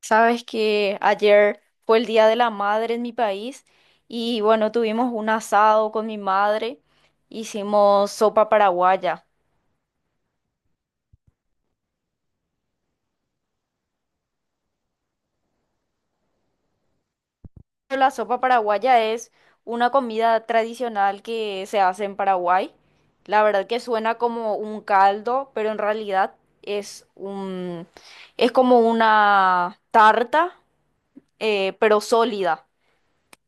Sabes que ayer fue el Día de la Madre en mi país y bueno, tuvimos un asado con mi madre, hicimos sopa paraguaya. La sopa paraguaya es una comida tradicional que se hace en Paraguay. La verdad que suena como un caldo, pero en realidad es un, es como una tarta, pero sólida.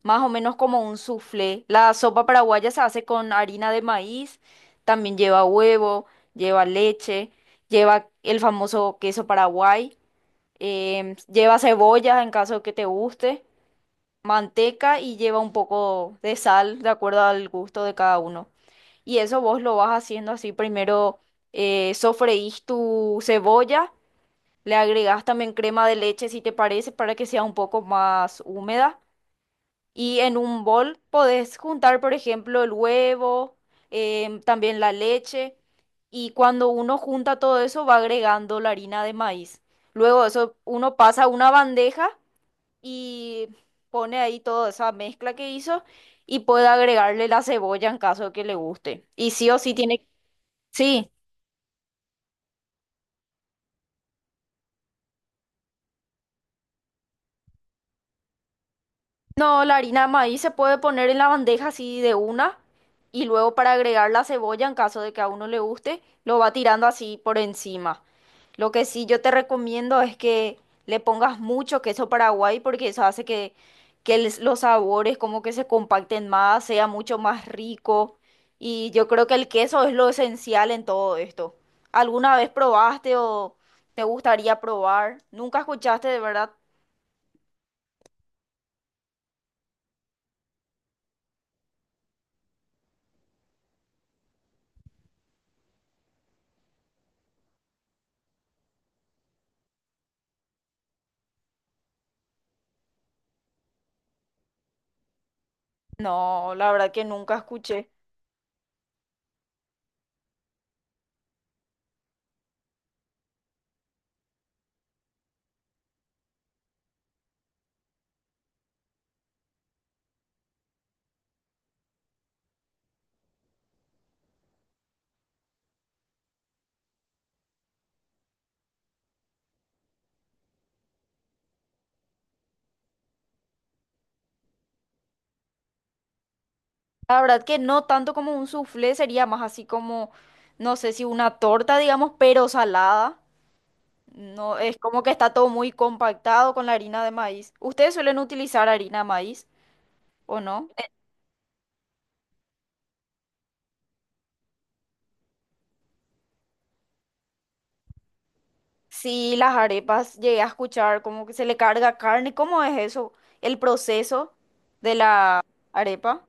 Más o menos como un soufflé. La sopa paraguaya se hace con harina de maíz, también lleva huevo, lleva leche, lleva el famoso queso paraguay, lleva cebolla en caso de que te guste, manteca y lleva un poco de sal de acuerdo al gusto de cada uno. Y eso vos lo vas haciendo así, primero sofreís tu cebolla, le agregás también crema de leche si te parece para que sea un poco más húmeda y en un bol podés juntar, por ejemplo, el huevo, también la leche. Y cuando uno junta todo eso, va agregando la harina de maíz. Luego eso uno pasa a una bandeja y pone ahí toda esa mezcla que hizo y puede agregarle la cebolla en caso que le guste. Y sí o sí tiene... Sí, no, la harina de maíz se puede poner en la bandeja así de una y luego para agregar la cebolla en caso de que a uno le guste, lo va tirando así por encima. Lo que sí yo te recomiendo es que le pongas mucho queso paraguay porque eso hace que los sabores como que se compacten más, sea mucho más rico. Y yo creo que el queso es lo esencial en todo esto. ¿Alguna vez probaste o te gustaría probar? ¿Nunca escuchaste de verdad? No, la verdad que nunca escuché. La verdad que no tanto como un soufflé, sería más así como, no sé si una torta, digamos, pero salada. No, es como que está todo muy compactado con la harina de maíz. ¿Ustedes suelen utilizar harina de maíz o no? Sí, las arepas llegué a escuchar como que se le carga carne. ¿Cómo es eso? El proceso de la arepa.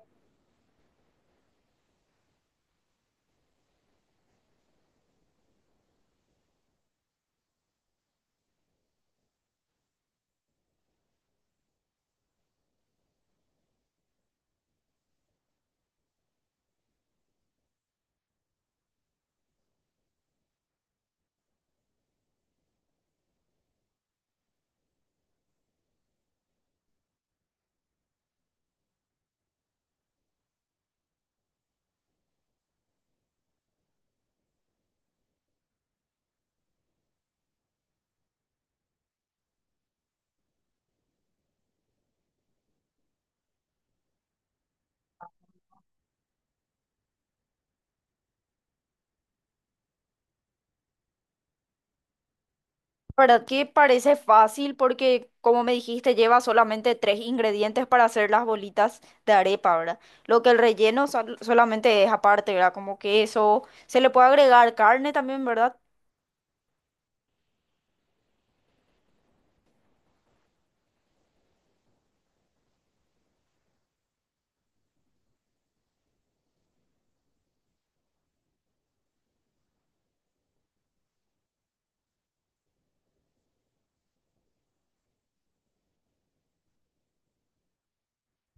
¿Verdad que parece fácil? Porque, como me dijiste, lleva solamente tres ingredientes para hacer las bolitas de arepa, ¿verdad? Lo que el relleno solamente es aparte, ¿verdad? Como queso. Se le puede agregar carne también, ¿verdad?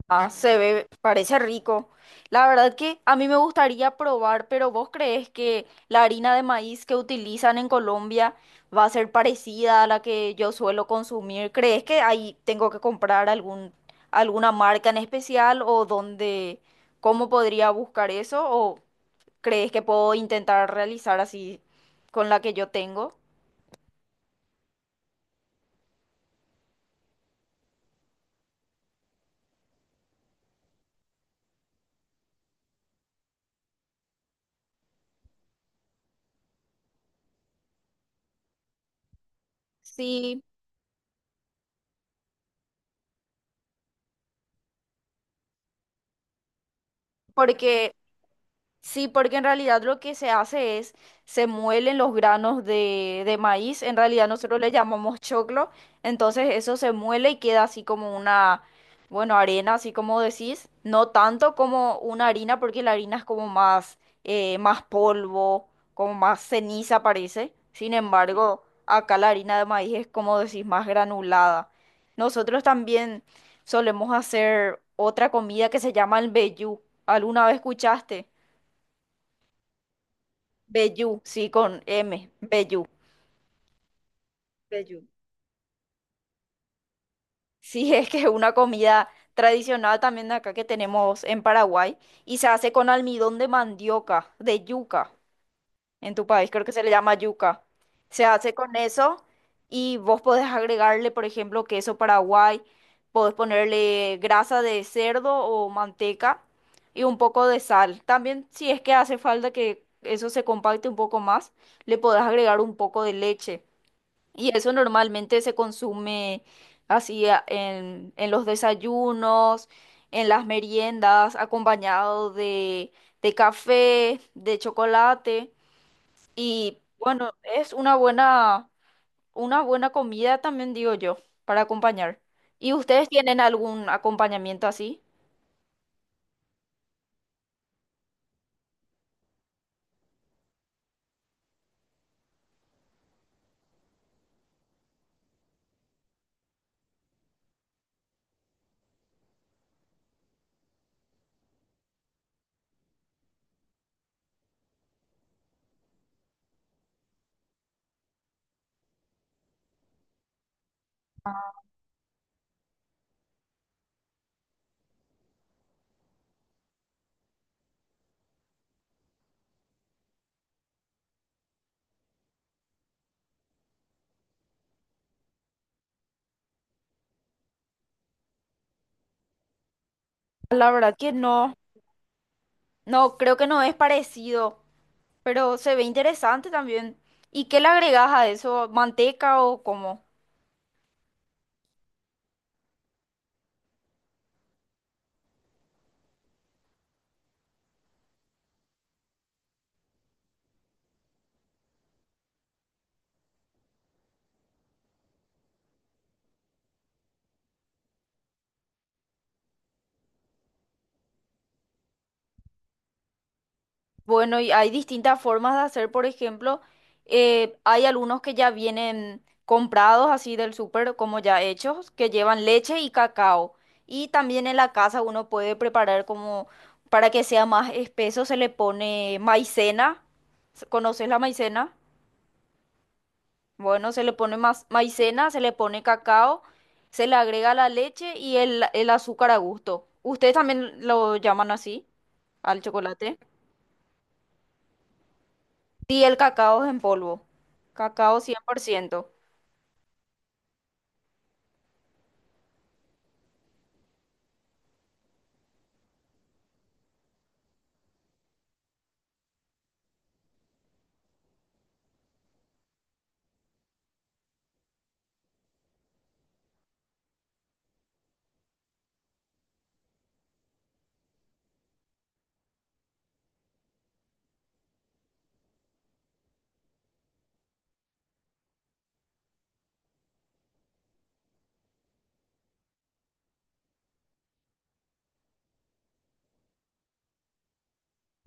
Ah, se ve, parece rico. La verdad que a mí me gustaría probar, pero ¿vos crees que la harina de maíz que utilizan en Colombia va a ser parecida a la que yo suelo consumir? ¿Crees que ahí tengo que comprar algún, alguna marca en especial o dónde, cómo podría buscar eso? ¿O crees que puedo intentar realizar así con la que yo tengo? Sí, porque sí, porque en realidad lo que se hace es, se muelen los granos de maíz, en realidad nosotros le llamamos choclo, entonces eso se muele y queda así como una, bueno, arena, así como decís, no tanto como una harina, porque la harina es como más, más polvo, como más ceniza parece, sin embargo, acá la harina de maíz es como decís, más granulada. Nosotros también solemos hacer otra comida que se llama el vellú, ¿alguna vez escuchaste? Vellú, sí, con M, vellú. Bello. Sí, es que es una comida tradicional también de acá que tenemos en Paraguay y se hace con almidón de mandioca, de yuca. En tu país creo que se le llama yuca. Se hace con eso y vos podés agregarle, por ejemplo, queso Paraguay, podés ponerle grasa de cerdo o manteca y un poco de sal. También si es que hace falta que eso se compacte un poco más, le podés agregar un poco de leche. Y eso normalmente se consume así en los desayunos, en las meriendas, acompañado de café, de chocolate. Y bueno, es una buena comida también, digo yo, para acompañar. ¿Y ustedes tienen algún acompañamiento así? La verdad que no, no, creo que no es parecido, pero se ve interesante también. ¿Y qué le agregas a eso? ¿Manteca o cómo? Bueno, y hay distintas formas de hacer, por ejemplo, hay algunos que ya vienen comprados así del súper como ya hechos, que llevan leche y cacao. Y también en la casa uno puede preparar como para que sea más espeso, se le pone maicena. ¿Conoces la maicena? Bueno, se le pone más maicena, se le pone cacao, se le agrega la leche y el azúcar a gusto. ¿Ustedes también lo llaman así al chocolate? Sí, el cacao es en polvo. Cacao 100%.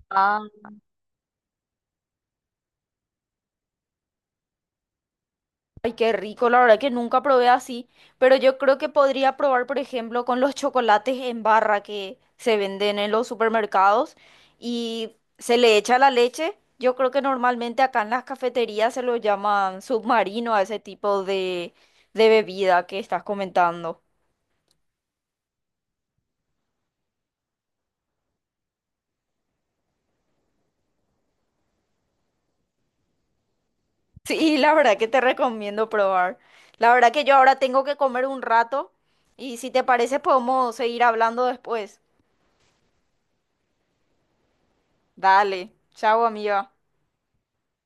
Ah, ay, qué rico, la verdad que nunca probé así, pero yo creo que podría probar, por ejemplo, con los chocolates en barra que se venden en los supermercados y se le echa la leche. Yo creo que normalmente acá en las cafeterías se lo llaman submarino a ese tipo de bebida que estás comentando. Sí, la verdad que te recomiendo probar. La verdad que yo ahora tengo que comer un rato y si te parece podemos seguir hablando después. Dale, chao amiga.